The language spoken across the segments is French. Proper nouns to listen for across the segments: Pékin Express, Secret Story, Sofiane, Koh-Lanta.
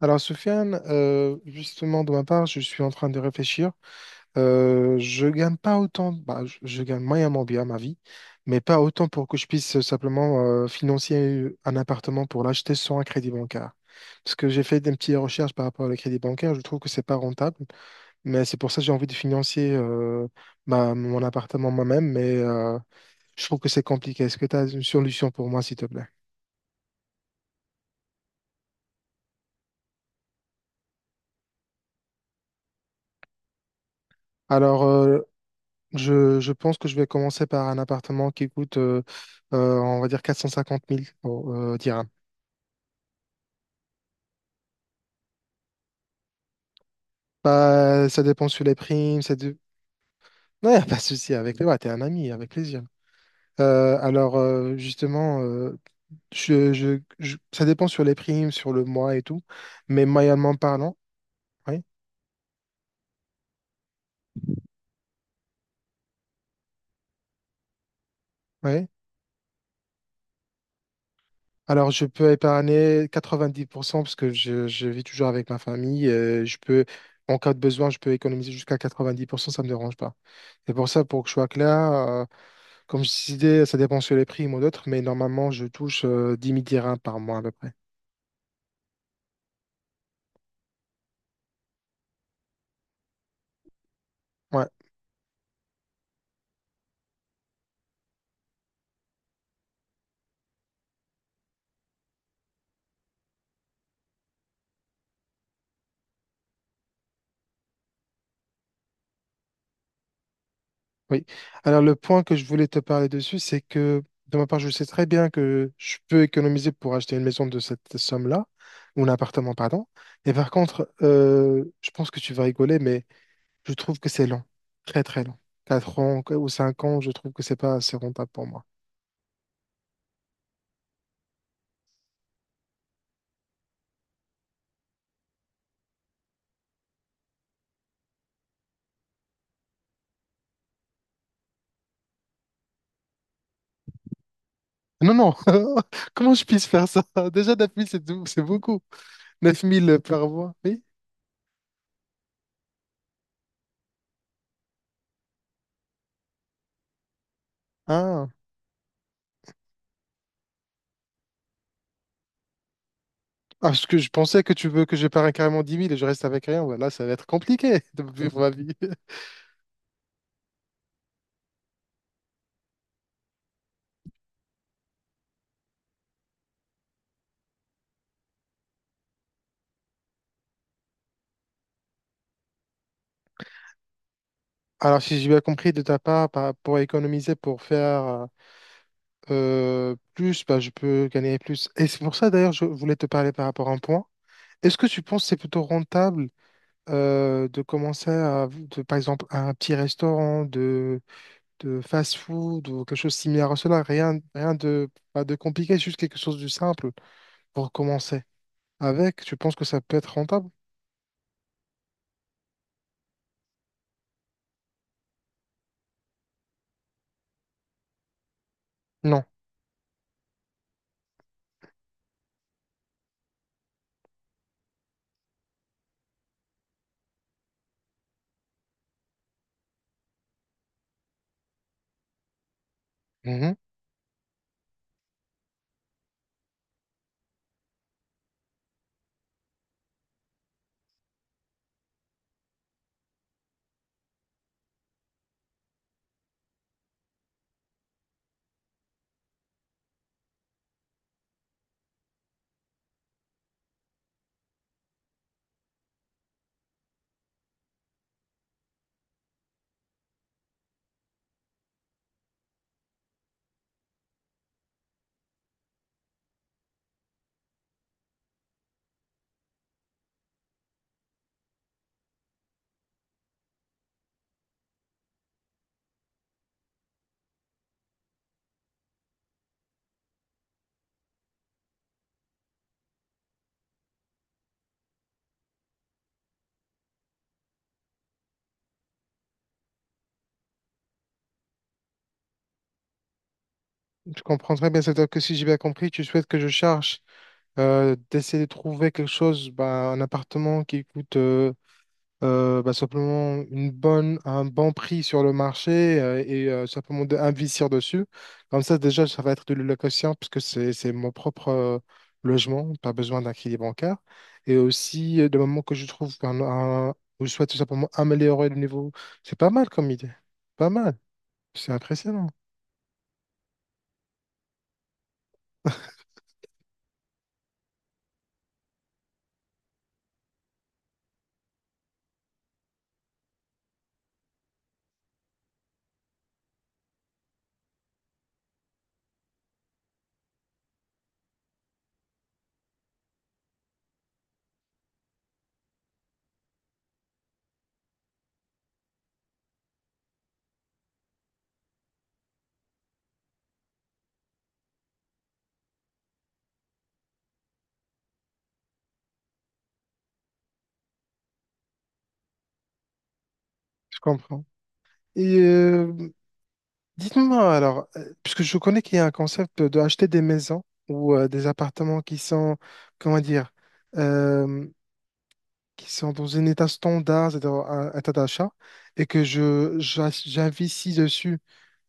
Alors, Sofiane, justement, de ma part, je suis en train de réfléchir. Je gagne pas autant, bah, je gagne moyennement bien ma vie, mais pas autant pour que je puisse simplement financer un appartement pour l'acheter sans un crédit bancaire. Parce que j'ai fait des petites recherches par rapport au crédit bancaire, je trouve que c'est pas rentable, mais c'est pour ça que j'ai envie de financer mon appartement moi-même, mais je trouve que c'est compliqué. Est-ce que tu as une solution pour moi, s'il te plaît? Alors, je pense que je vais commencer par un appartement qui coûte, on va dire, 450 000 oh, dirhams. Bah, ça dépend sur les primes. Non, y a pas de souci avec toi. T'es un ami, avec plaisir. Alors, justement, ça dépend sur les primes, sur le mois et tout, mais moyennement parlant, oui, oui. Alors, je peux épargner 90% parce que je vis toujours avec ma famille. Je peux, en cas de besoin, je peux économiser jusqu'à 90%, ça ne me dérange pas. C'est pour ça, pour que je sois clair, comme je disais, ça dépend sur les prix, moi d'autres, mais normalement, je touche 10 000 dirhams par mois à peu près. Ouais, oui. Alors, le point que je voulais te parler dessus, c'est que de ma part, je sais très bien que je peux économiser pour acheter une maison de cette somme-là, ou un appartement, pardon. Et par contre, je pense que tu vas rigoler, mais je trouve que c'est long, très très long. 4 ans ou 5 ans, je trouve que c'est pas assez rentable pour moi. Non, non, comment je puisse faire ça? Déjà, 9 000, c'est c'est beaucoup. 9 000 par mois, oui. Ah. Ah, parce que je pensais que tu veux que je parie carrément 10 000 et je reste avec rien. Ouais, là, ça va être compliqué de vivre ma vie. Alors, si j'ai bien compris de ta part, pour économiser, pour faire plus, bah, je peux gagner plus. Et c'est pour ça, d'ailleurs, je voulais te parler par rapport à un point. Est-ce que tu penses que c'est plutôt rentable de commencer à, de, par exemple, un petit restaurant de fast-food ou quelque chose similaire à cela? Rien, rien de, pas de compliqué, juste quelque chose de simple pour commencer. Avec, tu penses que ça peut être rentable? Non. Mhm. Je comprends très bien. C'est-à-dire que si j'ai bien compris, tu souhaites que je cherche d'essayer de trouver quelque chose, bah, un appartement qui coûte bah, simplement une bonne, un bon prix sur le marché et simplement d'investir dessus. Comme ça, déjà, ça va être de l'allocation puisque c'est mon propre logement, pas besoin d'un crédit bancaire. Et aussi, le moment que je trouve un, ou je souhaite tout simplement améliorer le niveau, c'est pas mal comme idée. Pas mal. C'est impressionnant, je comprends. Et dites-moi alors, puisque je connais qu'il y a un concept de acheter des maisons ou des appartements qui sont, comment dire, euh, qui sont dans un état standard, c'est-à-dire un état d'achat, et que j'investis dessus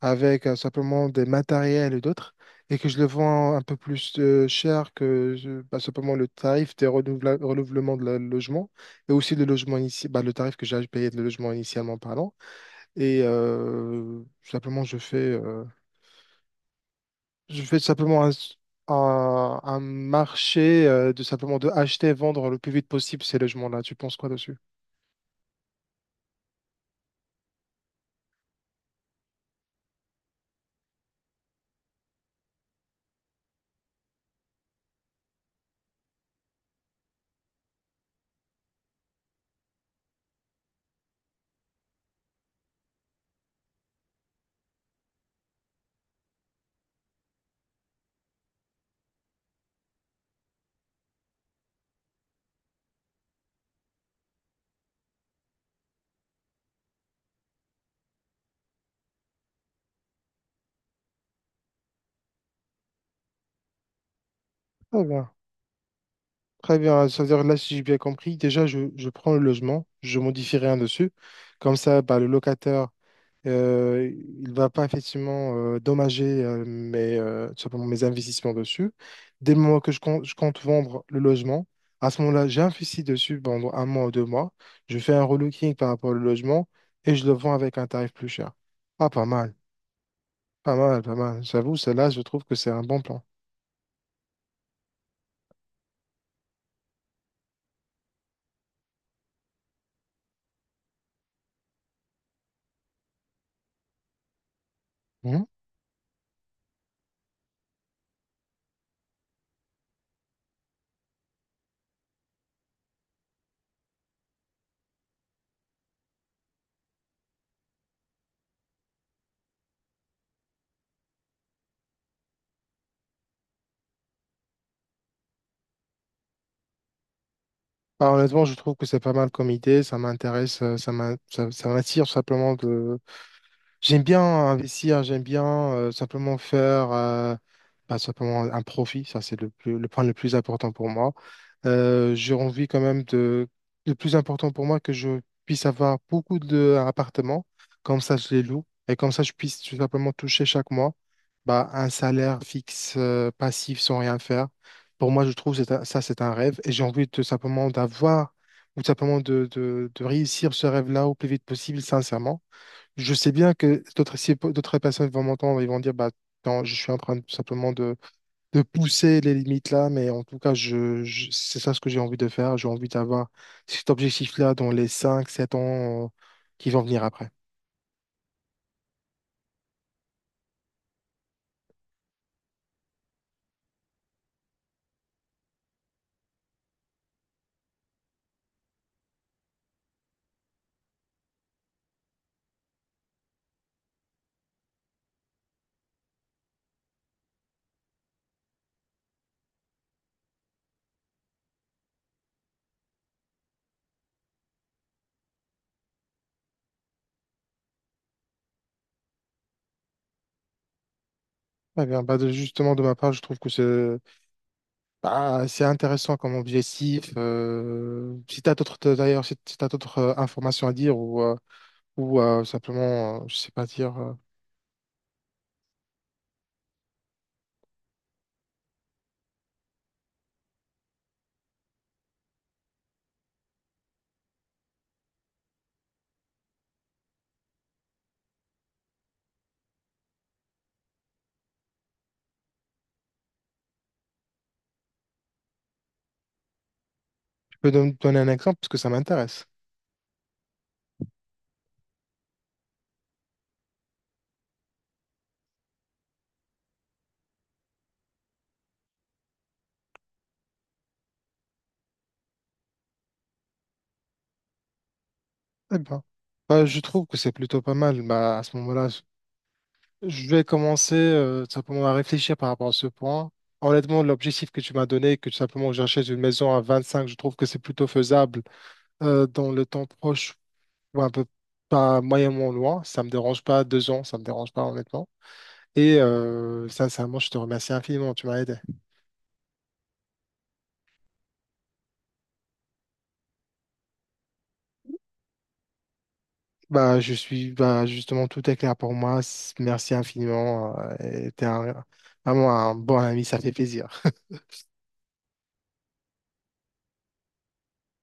avec simplement des matériels et d'autres, et que je le vends un peu plus cher que bah, simplement le tarif des renouvellements de logement, et aussi le logement initial, le tarif que j'ai payé de logement initialement parlant. Et simplement, je fais simplement un, un marché de simplement de acheter et vendre le plus vite possible ces logements-là. Tu penses quoi dessus? Très bien. Très bien. Ça veut dire là, si j'ai bien compris, déjà, je prends le logement, je modifie rien dessus. Comme ça, bah, le locataire. Euh, il va pas effectivement dommager mes, tout simplement mes investissements dessus. Dès le moment que je compte vendre le logement, à ce moment-là, j'investis dessus pendant un mois ou 2 mois. Je fais un relooking par rapport au logement et je le vends avec un tarif plus cher. Ah, pas mal, pas mal, pas mal. J'avoue, celle-là, je trouve que c'est un bon plan. Mhm. Ah, honnêtement, je trouve que c'est pas mal comme idée. Ça m'intéresse, ça m'attire tout simplement. J'aime bien investir, j'aime bien simplement faire bah, simplement un profit, ça c'est le plus, le point le plus important pour moi. J'ai envie quand même de... Le plus important pour moi, que je puisse avoir beaucoup d'appartements, comme ça je les loue, et comme ça je puisse tout simplement toucher chaque mois bah, un salaire fixe, passif, sans rien faire. Pour moi, je trouve que c'est ça c'est un rêve, et j'ai envie de simplement d'avoir, ou simplement de, de réussir ce rêve-là au plus vite possible, sincèrement je sais bien que d'autres si d'autres personnes vont m'entendre, ils vont dire bah non, je suis en train tout simplement de pousser les limites là, mais en tout cas, c'est ça ce que j'ai envie de faire. J'ai envie d'avoir cet objectif-là dans les 5 à 7 ans qui vont venir après. Eh bien, bah, justement, de ma part, je trouve que c'est bah, c'est intéressant comme objectif. Si tu as d'autres, d'ailleurs, si tu d'autres informations à dire ou simplement, je sais pas dire, donner un exemple parce que ça m'intéresse. Eh ben, bah, je trouve que c'est plutôt pas mal. Bah, à ce moment-là, je vais commencer tout simplement à réfléchir par rapport à ce point. Honnêtement, l'objectif que tu m'as donné, que tout simplement que j'achète une maison à 25 je trouve que c'est plutôt faisable dans le temps proche ou un peu pas moyennement loin. Ça me dérange pas, 2 ans, ça me dérange pas honnêtement. Et moi, je te remercie infiniment, tu m'as aidé. Bah, bah, justement, tout est clair pour moi. Merci infiniment. Et vraiment un bon ami, ça fait plaisir.